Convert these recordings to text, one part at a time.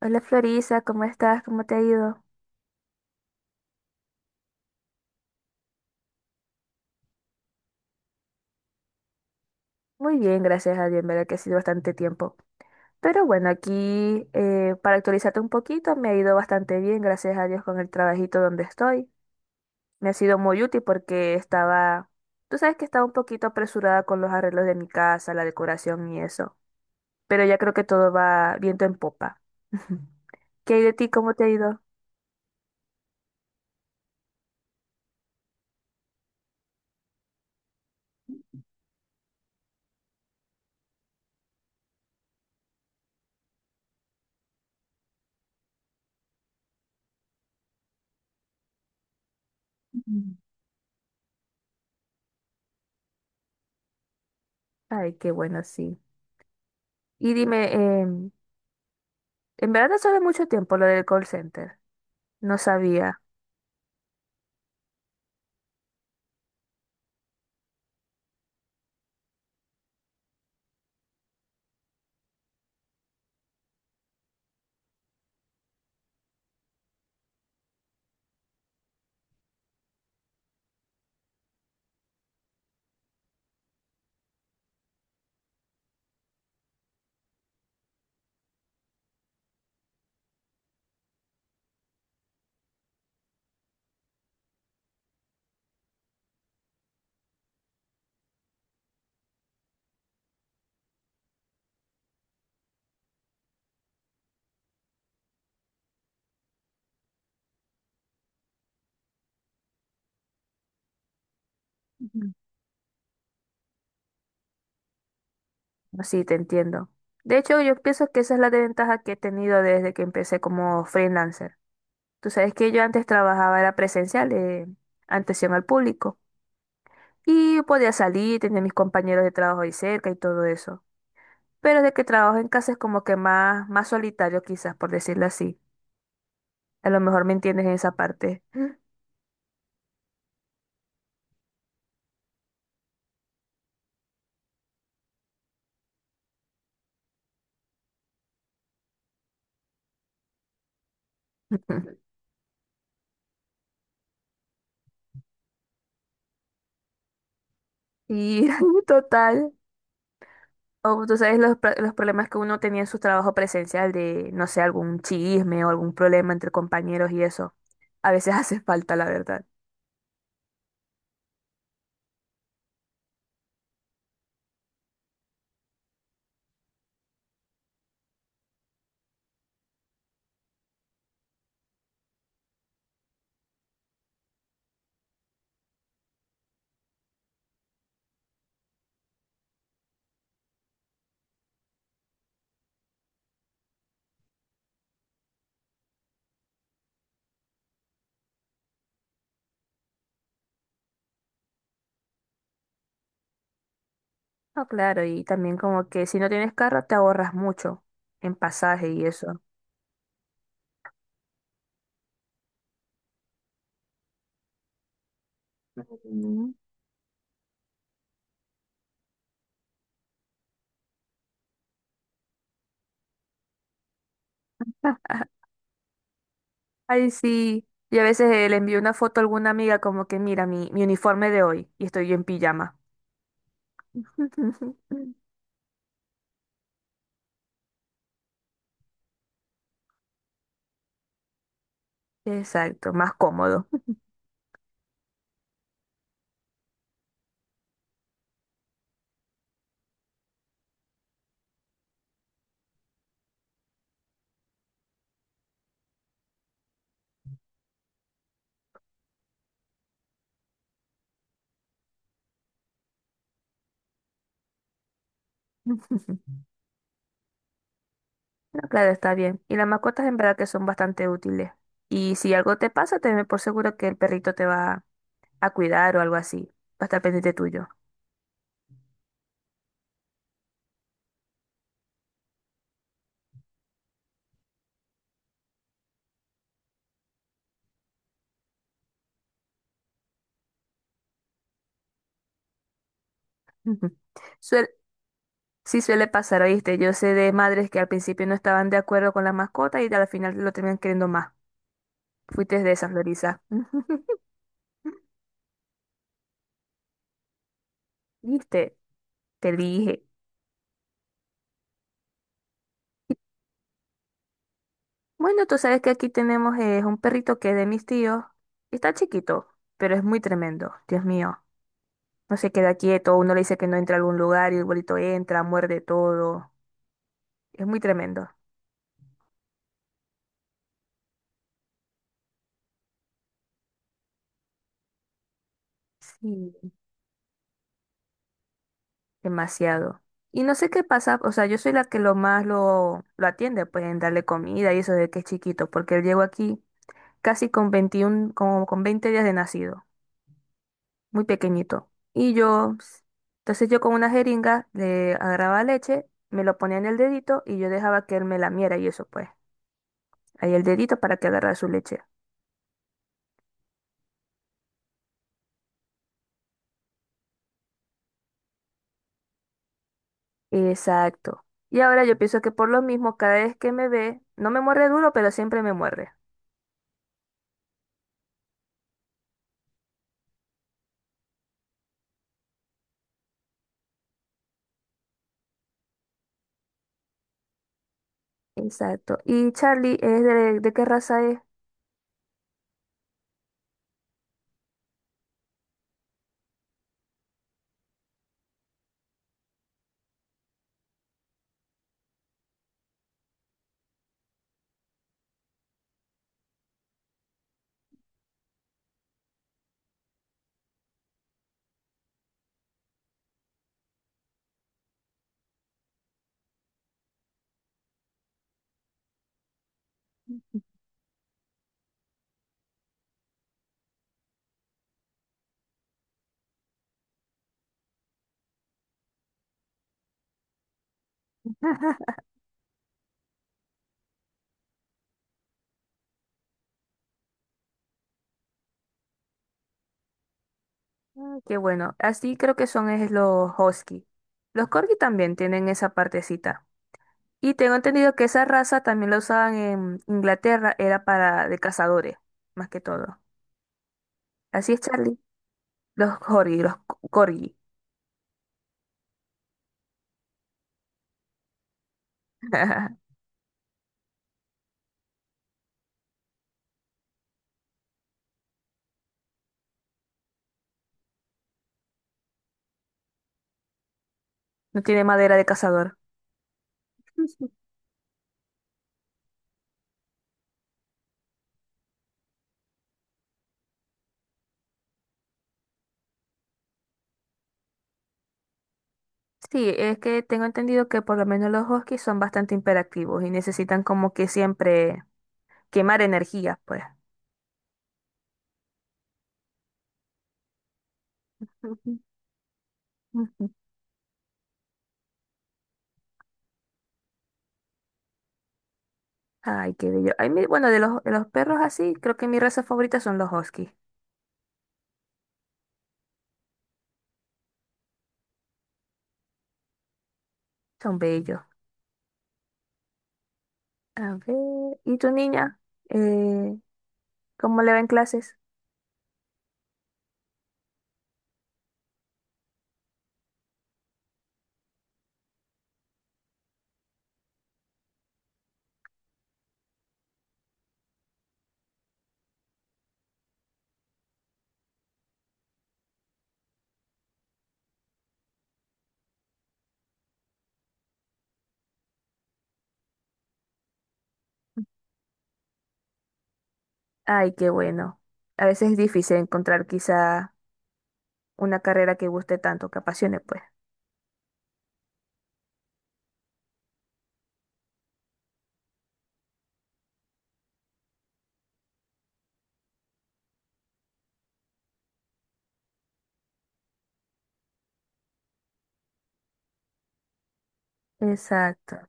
Hola, Florisa, ¿cómo estás? ¿Cómo te ha ido? Muy bien, gracias a Dios, en verdad que ha sido bastante tiempo. Pero bueno, aquí para actualizarte un poquito, me ha ido bastante bien, gracias a Dios, con el trabajito donde estoy. Me ha sido muy útil porque estaba, tú sabes que estaba un poquito apresurada con los arreglos de mi casa, la decoración y eso. Pero ya creo que todo va viento en popa. ¿Qué hay de ti? ¿Cómo te ha ido? Mm. Ay, qué bueno, sí. Y dime, en verdad no sabe mucho tiempo lo del call center. No sabía. Ujú. Sí, te entiendo. De hecho, yo pienso que esa es la desventaja que he tenido desde que empecé como freelancer. Tú sabes que yo antes trabajaba, era presencial, atención al público. Y podía salir, tenía mis compañeros de trabajo ahí cerca y todo eso. Pero desde que trabajo en casa es como que más, más solitario quizás, por decirlo así. A lo mejor me entiendes en esa parte. Y total. O tú sabes los, los problemas que uno tenía en su trabajo presencial de, no sé, algún chisme o algún problema entre compañeros y eso. A veces hace falta, la verdad. No, claro, y también como que si no tienes carro te ahorras mucho en pasaje y eso. Mm. Ay, sí. Y a veces le envío una foto a alguna amiga como que mira mi, mi uniforme de hoy y estoy yo en pijama. Exacto, más cómodo. No, claro, está bien. Y las mascotas en verdad que son bastante útiles. Y si algo te pasa, tenme por seguro que el perrito te va a cuidar o algo así. Va a estar pendiente tuyo. Ujú. Suel- sí suele pasar, ¿oíste? Yo sé de madres que al principio no estaban de acuerdo con la mascota y al final lo terminan queriendo más. Fuiste de esa, Florisa. Ujú. ¿Viste? Te dije. Bueno, tú sabes que aquí tenemos un perrito que es de mis tíos. Está chiquito, pero es muy tremendo. Dios mío. No se queda quieto, uno le dice que no entra a algún lugar y el bolito entra, muerde todo. Es muy tremendo. Sí, demasiado. Y no sé qué pasa, o sea, yo soy la que lo más lo atiende, pues en darle comida y eso de que es chiquito, porque él llegó aquí casi con 21 como con 20 días de nacido, muy pequeñito. Y yo, ps, entonces yo con una jeringa le agarraba leche, me lo ponía en el dedito y yo dejaba que él me lamiera y eso pues, ahí el dedito para que agarrara su leche. Exacto. Y ahora yo pienso que por lo mismo, cada vez que me ve, no me muerde duro, pero siempre me muerde. Exacto. ¿Y Charlie es de qué raza es? Mm, qué bueno. Así creo que son es los husky. Los corgi también tienen esa partecita. Y tengo entendido que esa raza también la usaban en Inglaterra, era para de cazadores, más que todo. Así es, Charlie. Los corgi, corgi. No tiene madera de cazador. Sí, es que tengo entendido que por lo menos los huskies son bastante imperativos y necesitan como que siempre quemar energía, pues. Ujú, ujú. Ay, qué bello. Ay, bueno, de los perros así, creo que mi raza favorita son los huskies. Son bellos. A ver, ¿y tu niña? Eh, ¿Cómo le va en clases? Ay, qué bueno. A veces es difícil encontrar quizá una carrera que guste tanto, que apasione, pues. Exacto.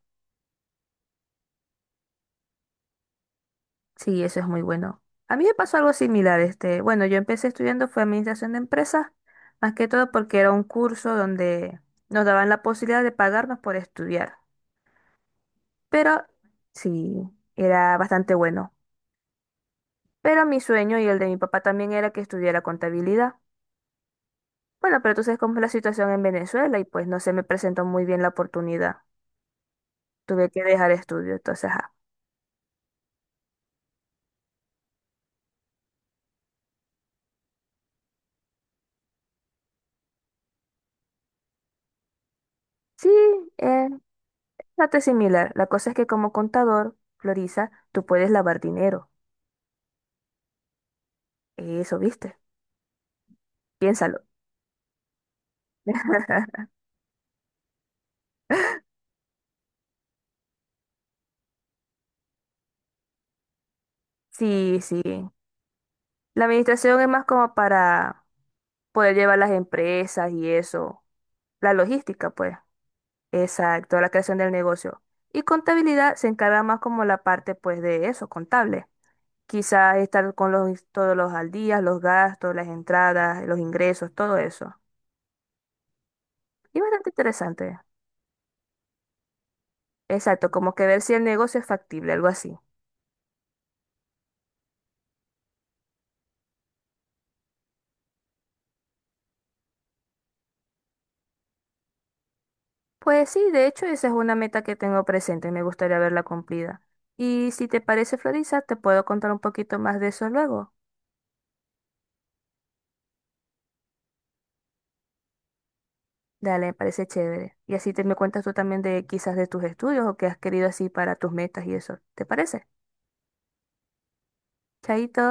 Sí, eso es muy bueno. A mí me pasó algo similar, este, bueno, yo empecé estudiando fue administración de empresas, más que todo porque era un curso donde nos daban la posibilidad de pagarnos por estudiar. Pero sí, era bastante bueno. Pero mi sueño y el de mi papá también era que estudiara contabilidad. Bueno, pero tú sabes cómo es la situación en Venezuela y pues no se me presentó muy bien la oportunidad. Tuve que dejar estudio, entonces, ajá. Sí, eh, bastante similar. La cosa es que como contador, Florisa, tú puedes lavar dinero. Eso, ¿viste? Piénsalo. Sí, sí. La administración es más como para poder llevar las empresas y eso. La logística, pues. Exacto, la creación del negocio. Y contabilidad se encarga más como la parte, pues, de eso, contable. Quizás estar con los, todos los al día, los gastos, las entradas, los ingresos, todo eso. Y bastante interesante. Exacto, como que ver si el negocio es factible, algo así. Pues sí, de hecho esa es una meta que tengo presente y me gustaría verla cumplida. Y si te parece, Florisa, te puedo contar un poquito más de eso luego. Dale, me parece chévere. Y así te me cuentas tú también de quizás de tus estudios o qué has querido así para tus metas y eso. ¿Te parece? Chaito.